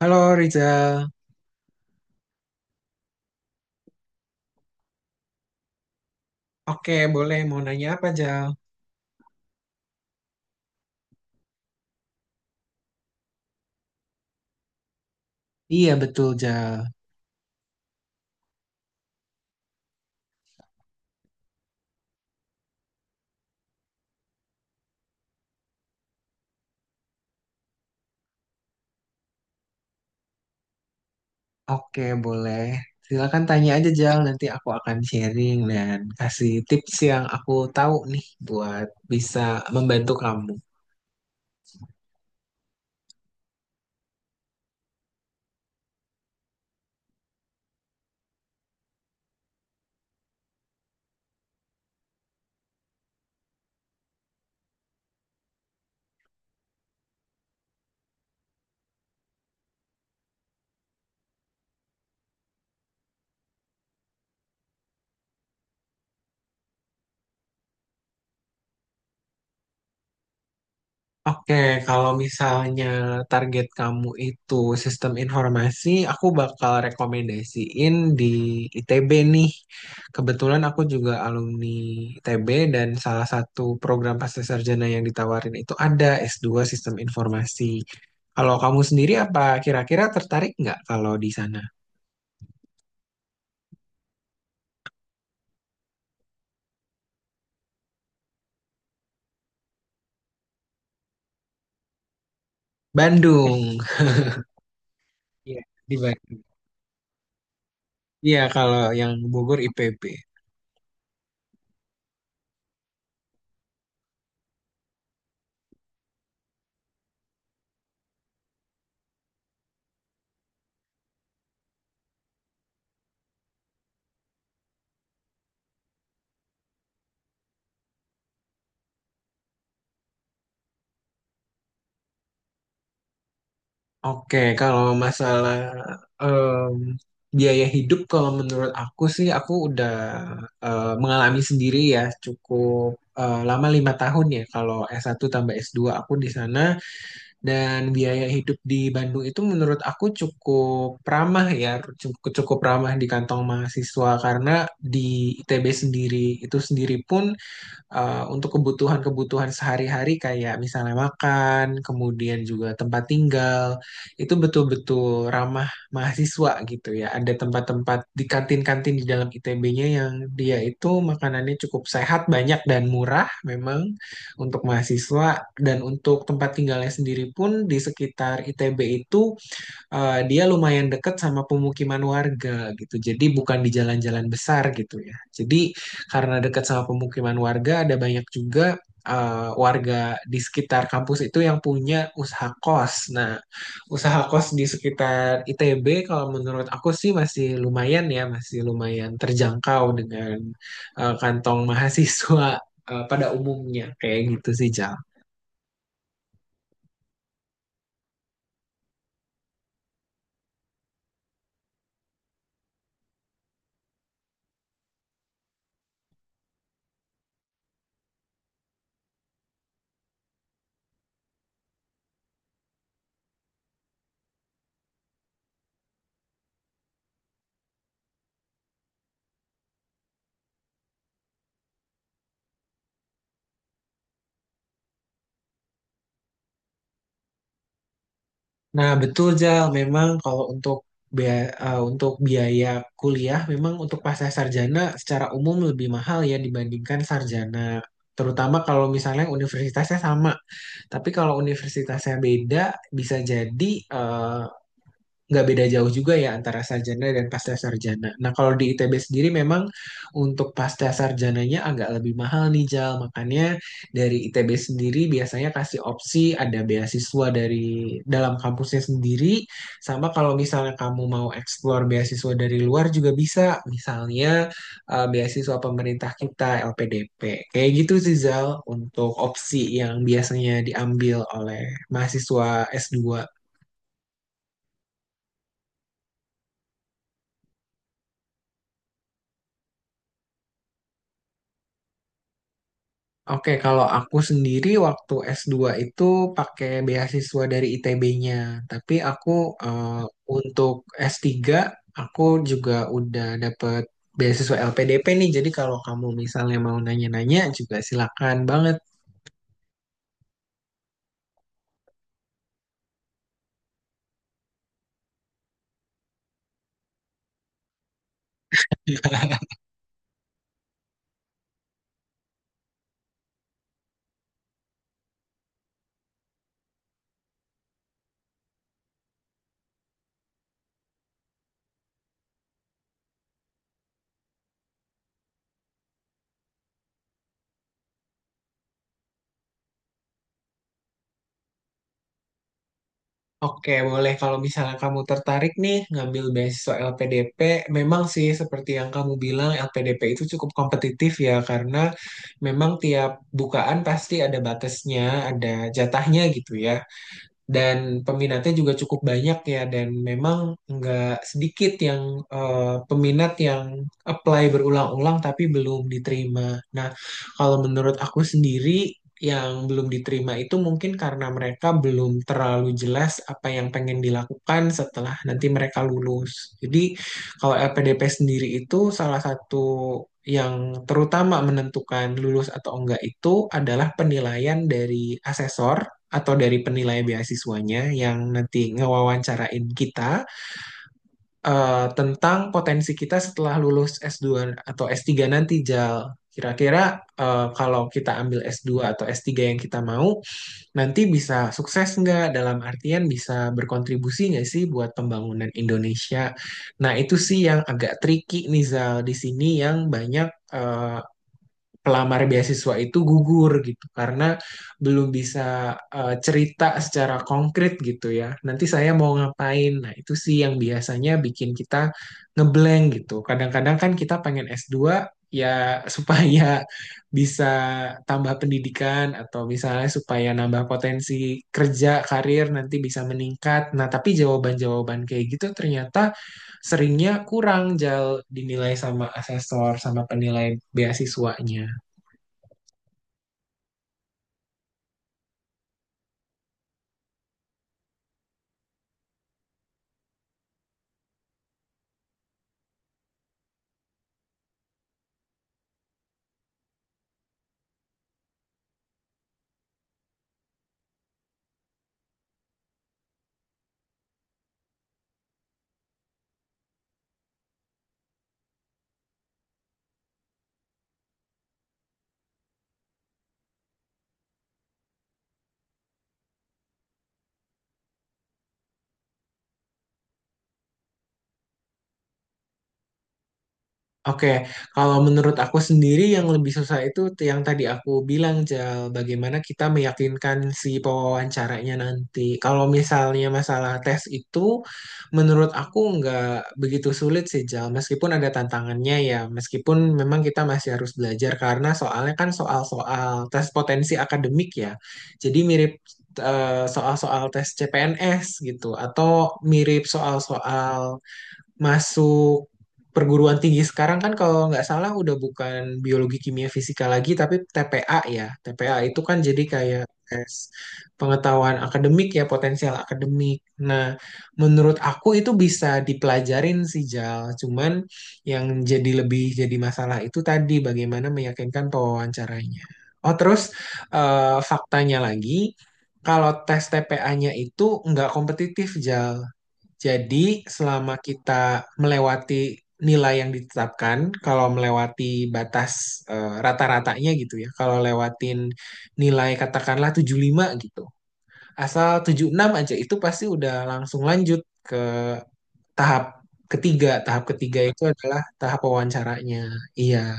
Halo Rizal. Oke, boleh. Mau nanya apa, Jal? Iya, betul, Jal. Oke, boleh. Silakan tanya aja, Jal. Nanti aku akan sharing dan kasih tips yang aku tahu nih buat bisa membantu kamu. Oke, kalau misalnya target kamu itu sistem informasi, aku bakal rekomendasiin di ITB nih. Kebetulan aku juga alumni ITB dan salah satu program pascasarjana yang ditawarin itu ada S2 Sistem Informasi. Kalau kamu sendiri apa kira-kira tertarik nggak kalau di sana? Bandung. Iya, di Bandung. Iya, kalau yang Bogor IPB. Oke, kalau masalah em, biaya hidup, kalau menurut aku sih, aku udah mengalami sendiri ya cukup lama 5 tahun ya. Kalau S1 tambah S2 aku di sana dan biaya hidup di Bandung itu menurut aku cukup ramah ya, cukup cukup ramah di kantong mahasiswa karena di ITB sendiri itu sendiri pun untuk kebutuhan-kebutuhan sehari-hari kayak misalnya makan, kemudian juga tempat tinggal, itu betul-betul ramah mahasiswa gitu ya. Ada tempat-tempat di kantin-kantin di dalam ITB-nya yang dia itu makanannya cukup sehat, banyak dan murah memang untuk mahasiswa, dan untuk tempat tinggalnya sendiri pun di sekitar ITB itu dia lumayan dekat sama pemukiman warga gitu. Jadi bukan di jalan-jalan besar gitu ya. Jadi karena dekat sama pemukiman warga ada banyak juga warga di sekitar kampus itu yang punya usaha kos. Nah, usaha kos di sekitar ITB kalau menurut aku sih masih lumayan ya, masih lumayan terjangkau dengan kantong mahasiswa pada umumnya kayak gitu sih, Ja. Nah, betul Jal. Memang kalau biaya, untuk biaya kuliah, memang untuk pasca sarjana secara umum lebih mahal ya dibandingkan sarjana. Terutama kalau misalnya universitasnya sama. Tapi kalau universitasnya beda, bisa jadi eh, nggak beda jauh juga ya antara sarjana dan pascasarjana. Nah, kalau di ITB sendiri memang untuk pascasarjananya agak lebih mahal nih, Jal. Makanya dari ITB sendiri biasanya kasih opsi ada beasiswa dari dalam kampusnya sendiri. Sama kalau misalnya kamu mau explore beasiswa dari luar juga bisa. Misalnya beasiswa pemerintah kita, LPDP. Kayak gitu sih, Zal, untuk opsi yang biasanya diambil oleh mahasiswa S2. Oke, kalau aku sendiri waktu S2 itu pakai beasiswa dari ITB-nya, tapi aku eh, untuk S3 aku juga udah dapet beasiswa LPDP nih. Jadi kalau kamu misalnya mau nanya-nanya juga silakan banget. Oke, boleh. Kalau misalnya kamu tertarik nih ngambil beasiswa LPDP, memang sih seperti yang kamu bilang LPDP itu cukup kompetitif ya karena memang tiap bukaan pasti ada batasnya, ada jatahnya gitu ya. Dan peminatnya juga cukup banyak ya, dan memang nggak sedikit yang peminat yang apply berulang-ulang tapi belum diterima. Nah, kalau menurut aku sendiri yang belum diterima itu mungkin karena mereka belum terlalu jelas apa yang pengen dilakukan setelah nanti mereka lulus. Jadi kalau LPDP sendiri itu salah satu yang terutama menentukan lulus atau enggak itu adalah penilaian dari asesor atau dari penilai beasiswanya yang nanti ngewawancarain kita tentang potensi kita setelah lulus S2 atau S3 nanti, Jal. Kira-kira kalau kita ambil S2 atau S3 yang kita mau, nanti bisa sukses nggak? Dalam artian bisa berkontribusi nggak sih buat pembangunan Indonesia? Nah, itu sih yang agak tricky nih, Zal. Di sini yang banyak eh, pelamar beasiswa itu gugur gitu karena belum bisa cerita secara konkret gitu ya. Nanti saya mau ngapain? Nah, itu sih yang biasanya bikin kita ngeblank gitu. Kadang-kadang kan kita pengen S2 ya supaya bisa tambah pendidikan atau misalnya supaya nambah potensi kerja, karir nanti bisa meningkat. Nah, tapi jawaban-jawaban kayak gitu ternyata seringnya kurang jal dinilai sama asesor sama penilai beasiswanya. Oke, kalau menurut aku sendiri yang lebih susah itu yang tadi aku bilang, Jal, bagaimana kita meyakinkan si pewawancaranya nanti. Kalau misalnya masalah tes itu, menurut aku nggak begitu sulit sih, Jal, meskipun ada tantangannya ya, meskipun memang kita masih harus belajar karena soalnya kan soal-soal tes potensi akademik ya, jadi mirip soal-soal tes CPNS gitu, atau mirip soal-soal masuk perguruan tinggi. Sekarang kan kalau nggak salah udah bukan biologi, kimia, fisika lagi tapi TPA ya. TPA itu kan jadi kayak tes pengetahuan akademik ya, potensial akademik. Nah, menurut aku itu bisa dipelajarin sih, Jal. Cuman yang jadi lebih jadi masalah itu tadi bagaimana meyakinkan pewawancaranya. Oh, terus faktanya lagi kalau tes TPA-nya itu nggak kompetitif, Jal. Jadi, selama kita melewati nilai yang ditetapkan, kalau melewati batas rata-ratanya gitu ya, kalau lewatin nilai katakanlah 75 gitu, asal 76 aja itu pasti udah langsung lanjut ke tahap ketiga. Tahap ketiga itu adalah tahap wawancaranya. Iya.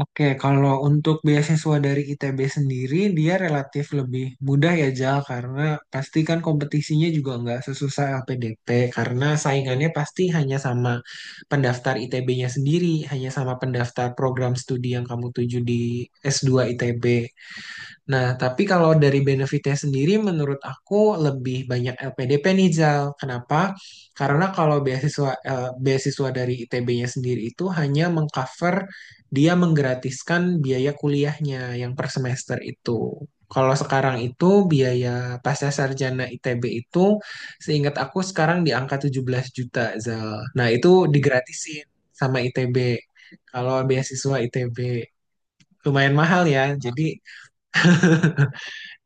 Oke, kalau untuk beasiswa dari ITB sendiri, dia relatif lebih mudah ya, Jal, karena pasti kan kompetisinya juga nggak sesusah LPDP, karena saingannya pasti hanya sama pendaftar ITB-nya sendiri, hanya sama pendaftar program studi yang kamu tuju di S2 ITB. Nah, tapi kalau dari benefitnya sendiri, menurut aku lebih banyak LPDP nih, Zal. Kenapa? Karena kalau beasiswa beasiswa dari ITB-nya sendiri itu hanya mengcover, dia menggratiskan biaya kuliahnya yang per semester itu. Kalau sekarang itu biaya pasca sarjana ITB itu, seingat aku sekarang di angka 17 juta, Zal. Nah, itu digratisin sama ITB. Kalau beasiswa ITB lumayan mahal ya. Jadi,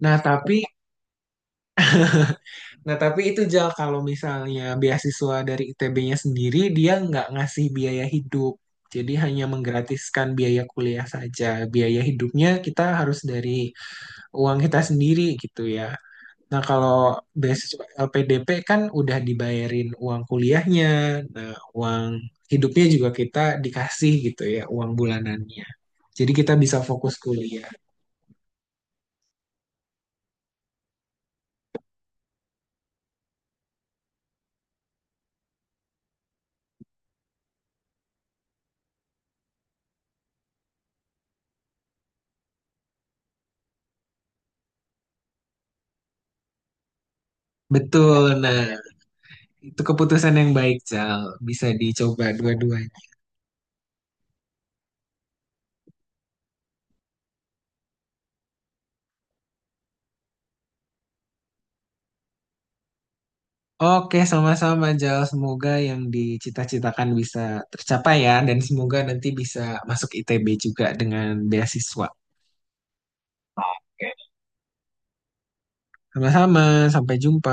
nah tapi Nah, tapi itu Jal, kalau misalnya beasiswa dari ITB-nya sendiri, dia nggak ngasih biaya hidup. Jadi hanya menggratiskan biaya kuliah saja. Biaya hidupnya kita harus dari uang kita sendiri gitu ya. Nah, kalau beasiswa LPDP kan udah dibayarin uang kuliahnya, nah, uang hidupnya juga kita dikasih gitu ya, uang bulanannya. Jadi kita bisa fokus kuliah. Betul, nah itu keputusan yang baik, Jal. Bisa dicoba dua-duanya. Oke, sama-sama Jal. Semoga yang dicita-citakan bisa tercapai ya, dan semoga nanti bisa masuk ITB juga dengan beasiswa. Oke. Sama-sama, sampai jumpa.